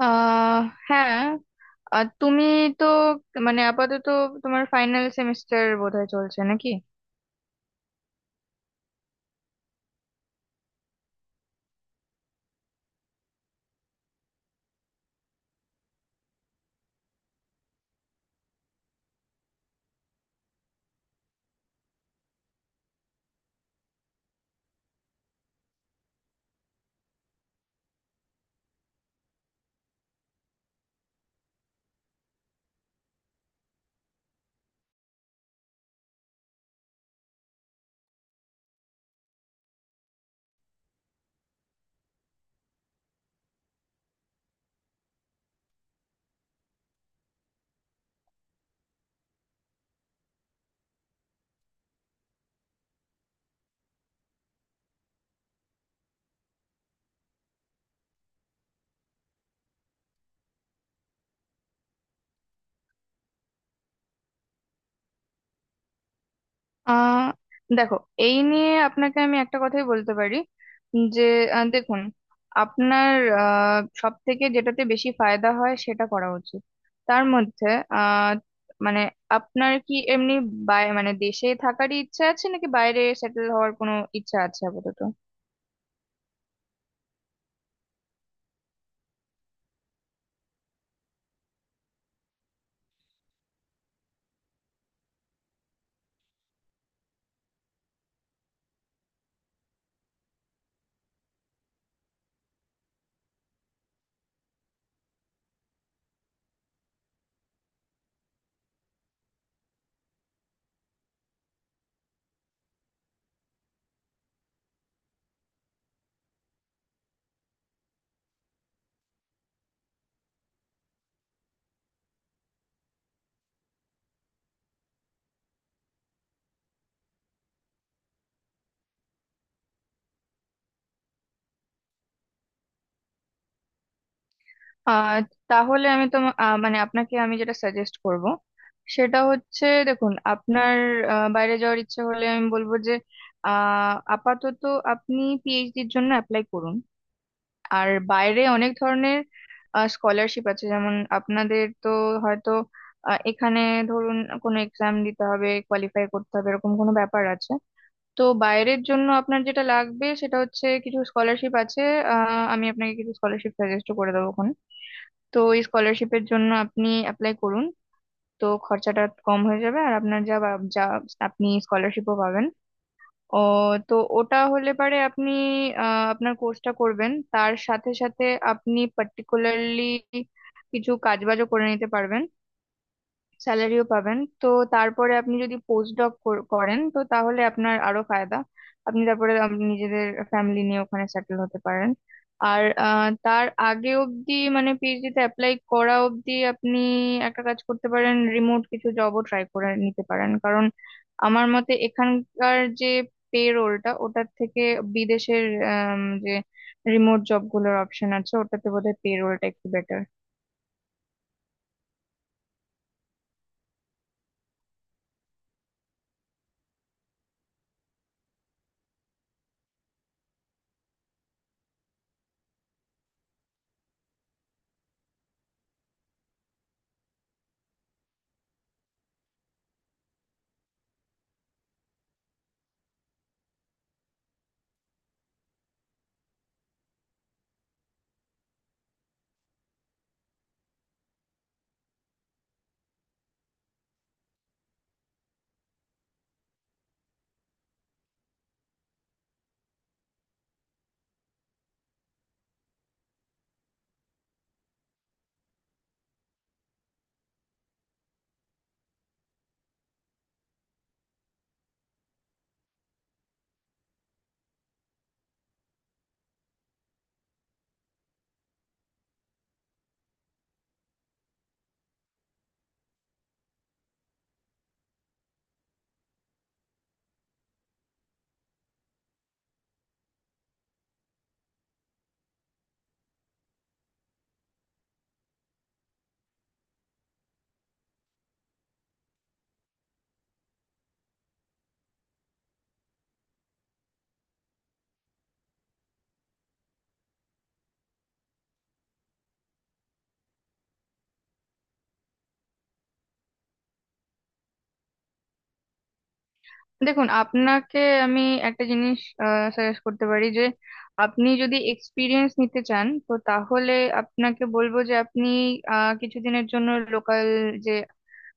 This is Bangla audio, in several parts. আহ হ্যাঁ। আর তুমি, তো মানে আপাতত তোমার ফাইনাল সেমিস্টার বোধহয় চলছে নাকি? আহ দেখো, এই নিয়ে আপনাকে আমি একটা কথাই বলতে পারি যে দেখুন, আপনার সব থেকে যেটাতে বেশি ফায়দা হয় সেটা করা উচিত। তার মধ্যে আহ মানে আপনার কি এমনি বাই মানে দেশে থাকারই ইচ্ছা আছে নাকি বাইরে সেটেল হওয়ার কোনো ইচ্ছা আছে আপাতত? আহ তাহলে আমি তো মানে আপনাকে আমি যেটা সাজেস্ট করব সেটা হচ্ছে, দেখুন, আপনার বাইরে যাওয়ার ইচ্ছে হলে আমি বলবো যে আপাতত আপনি পিএইচডির জন্য অ্যাপ্লাই করুন। আর বাইরে অনেক ধরনের স্কলারশিপ আছে, যেমন আপনাদের তো হয়তো এখানে ধরুন কোনো এক্সাম দিতে হবে, কোয়ালিফাই করতে হবে, এরকম কোনো ব্যাপার আছে। তো বাইরের জন্য আপনার যেটা লাগবে সেটা হচ্ছে কিছু স্কলারশিপ আছে। আমি আপনাকে কিছু স্কলারশিপ সাজেস্ট করে দেবো। তো এই স্কলারশিপের জন্য আপনি অ্যাপ্লাই করুন, তো খরচাটা কম হয়ে যাবে। আর আপনার যা আপনি স্কলারশিপও পাবেন। ও, তো ওটা হলে পারে আপনি আপনার কোর্সটা করবেন, তার সাথে সাথে আপনি পার্টিকুলারলি কিছু কাজবাজও করে নিতে পারবেন, স্যালারিও পাবেন। তো তারপরে আপনি যদি পোস্ট ডক করেন তো তাহলে আপনার আরো ফায়দা। আপনি তারপরে নিজেদের ফ্যামিলি নিয়ে ওখানে সেটেল হতে পারেন। আর তার আগে অবধি মানে পিএইচডি তে অ্যাপ্লাই করা অবধি আপনি একটা কাজ করতে পারেন, রিমোট কিছু জবও ট্রাই করে নিতে পারেন। কারণ আমার মতে এখানকার যে পে রোলটা ওটার থেকে বিদেশের যে রিমোট জবগুলোর অপশন আছে ওটাতে বোধহয় পে রোলটা একটু বেটার। দেখুন আপনাকে আমি একটা জিনিস সাজেস্ট করতে পারি যে আপনি যদি এক্সপিরিয়েন্স নিতে চান তো তাহলে আপনাকে বলবো যে আপনি কিছুদিনের জন্য লোকাল যে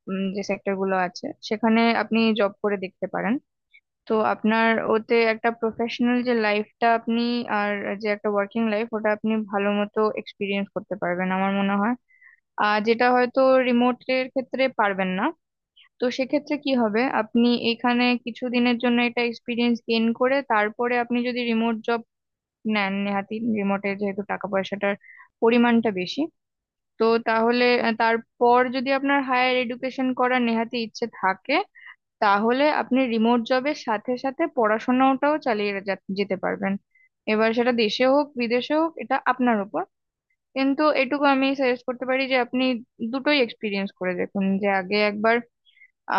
যে সেক্টর গুলো আছে সেখানে আপনি জব করে দেখতে পারেন। তো আপনার ওতে একটা প্রফেশনাল যে লাইফটা আপনি আর যে একটা ওয়ার্কিং লাইফ ওটা আপনি ভালো মতো এক্সপিরিয়েন্স করতে পারবেন আমার মনে হয়। আর যেটা হয়তো রিমোটের ক্ষেত্রে পারবেন না। তো সেক্ষেত্রে কি হবে, আপনি এখানে কিছুদিনের জন্য এটা এক্সপিরিয়েন্স গেইন করে তারপরে আপনি যদি রিমোট জব নেন, নেহাতি রিমোটে যেহেতু টাকা পয়সাটার পরিমাণটা বেশি। তো তাহলে তারপর যদি আপনার হায়ার এডুকেশন করার নেহাতি ইচ্ছে থাকে তাহলে আপনি রিমোট জবের সাথে সাথে পড়াশোনাটাও চালিয়ে যা- যেতে পারবেন। এবার সেটা দেশে হোক বিদেশে হোক এটা আপনার উপর। কিন্তু এটুকু আমি সাজেস্ট করতে পারি যে আপনি দুটোই এক্সপিরিয়েন্স করে দেখুন, যে আগে একবার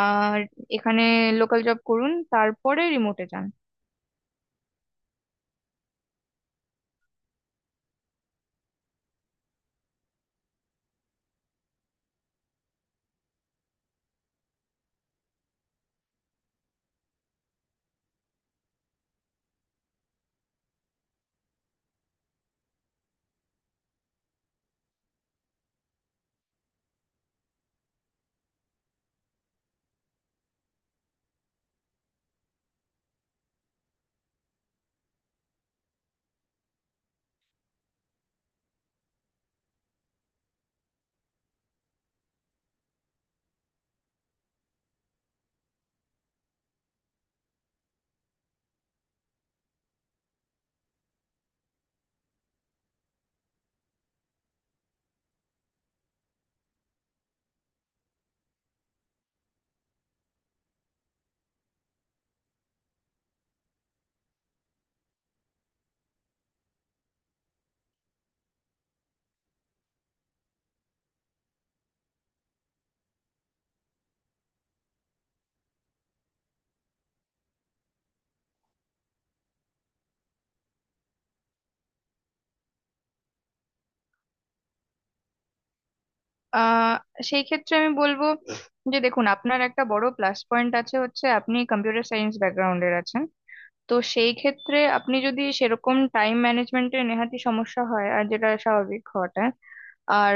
আর এখানে লোকাল জব করুন তারপরে রিমোটে যান। আহ সেই ক্ষেত্রে আমি বলবো যে দেখুন আপনার একটা বড় প্লাস পয়েন্ট আছে, হচ্ছে আপনি কম্পিউটার সায়েন্স ব্যাকগ্রাউন্ডের আছেন। তো সেই ক্ষেত্রে আপনি যদি সেরকম টাইম ম্যানেজমেন্টে নেহাতি সমস্যা হয়, আর যেটা স্বাভাবিক হওয়াটা আর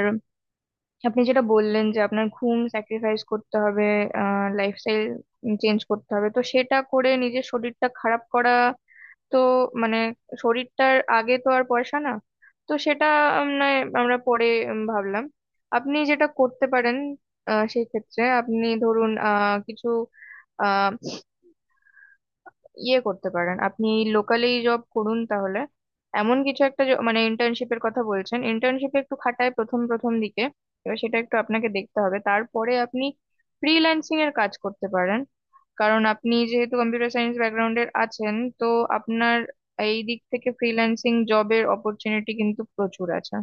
আপনি যেটা বললেন যে আপনার ঘুম স্যাক্রিফাইস করতে হবে, লাইফস্টাইল চেঞ্জ করতে হবে, তো সেটা করে নিজের শরীরটা খারাপ করা। তো মানে শরীরটার আগে তো আর পয়সা না। তো সেটা নয়, আমরা পরে ভাবলাম আপনি যেটা করতে পারেন, সেই ক্ষেত্রে আপনি ধরুন কিছু ইয়ে করতে পারেন, আপনি লোকালি জব করুন। তাহলে এমন কিছু একটা মানে ইন্টার্নশিপের কথা বলছেন, ইন্টার্নশিপে একটু খাটায় প্রথম প্রথম দিকে। এবার সেটা একটু আপনাকে দেখতে হবে। তারপরে আপনি ফ্রিল্যান্সিং এর কাজ করতে পারেন, কারণ আপনি যেহেতু কম্পিউটার সায়েন্স ব্যাকগ্রাউন্ডের আছেন। তো আপনার এই দিক থেকে ফ্রিল্যান্সিং জবের অপরচুনিটি কিন্তু প্রচুর আছে।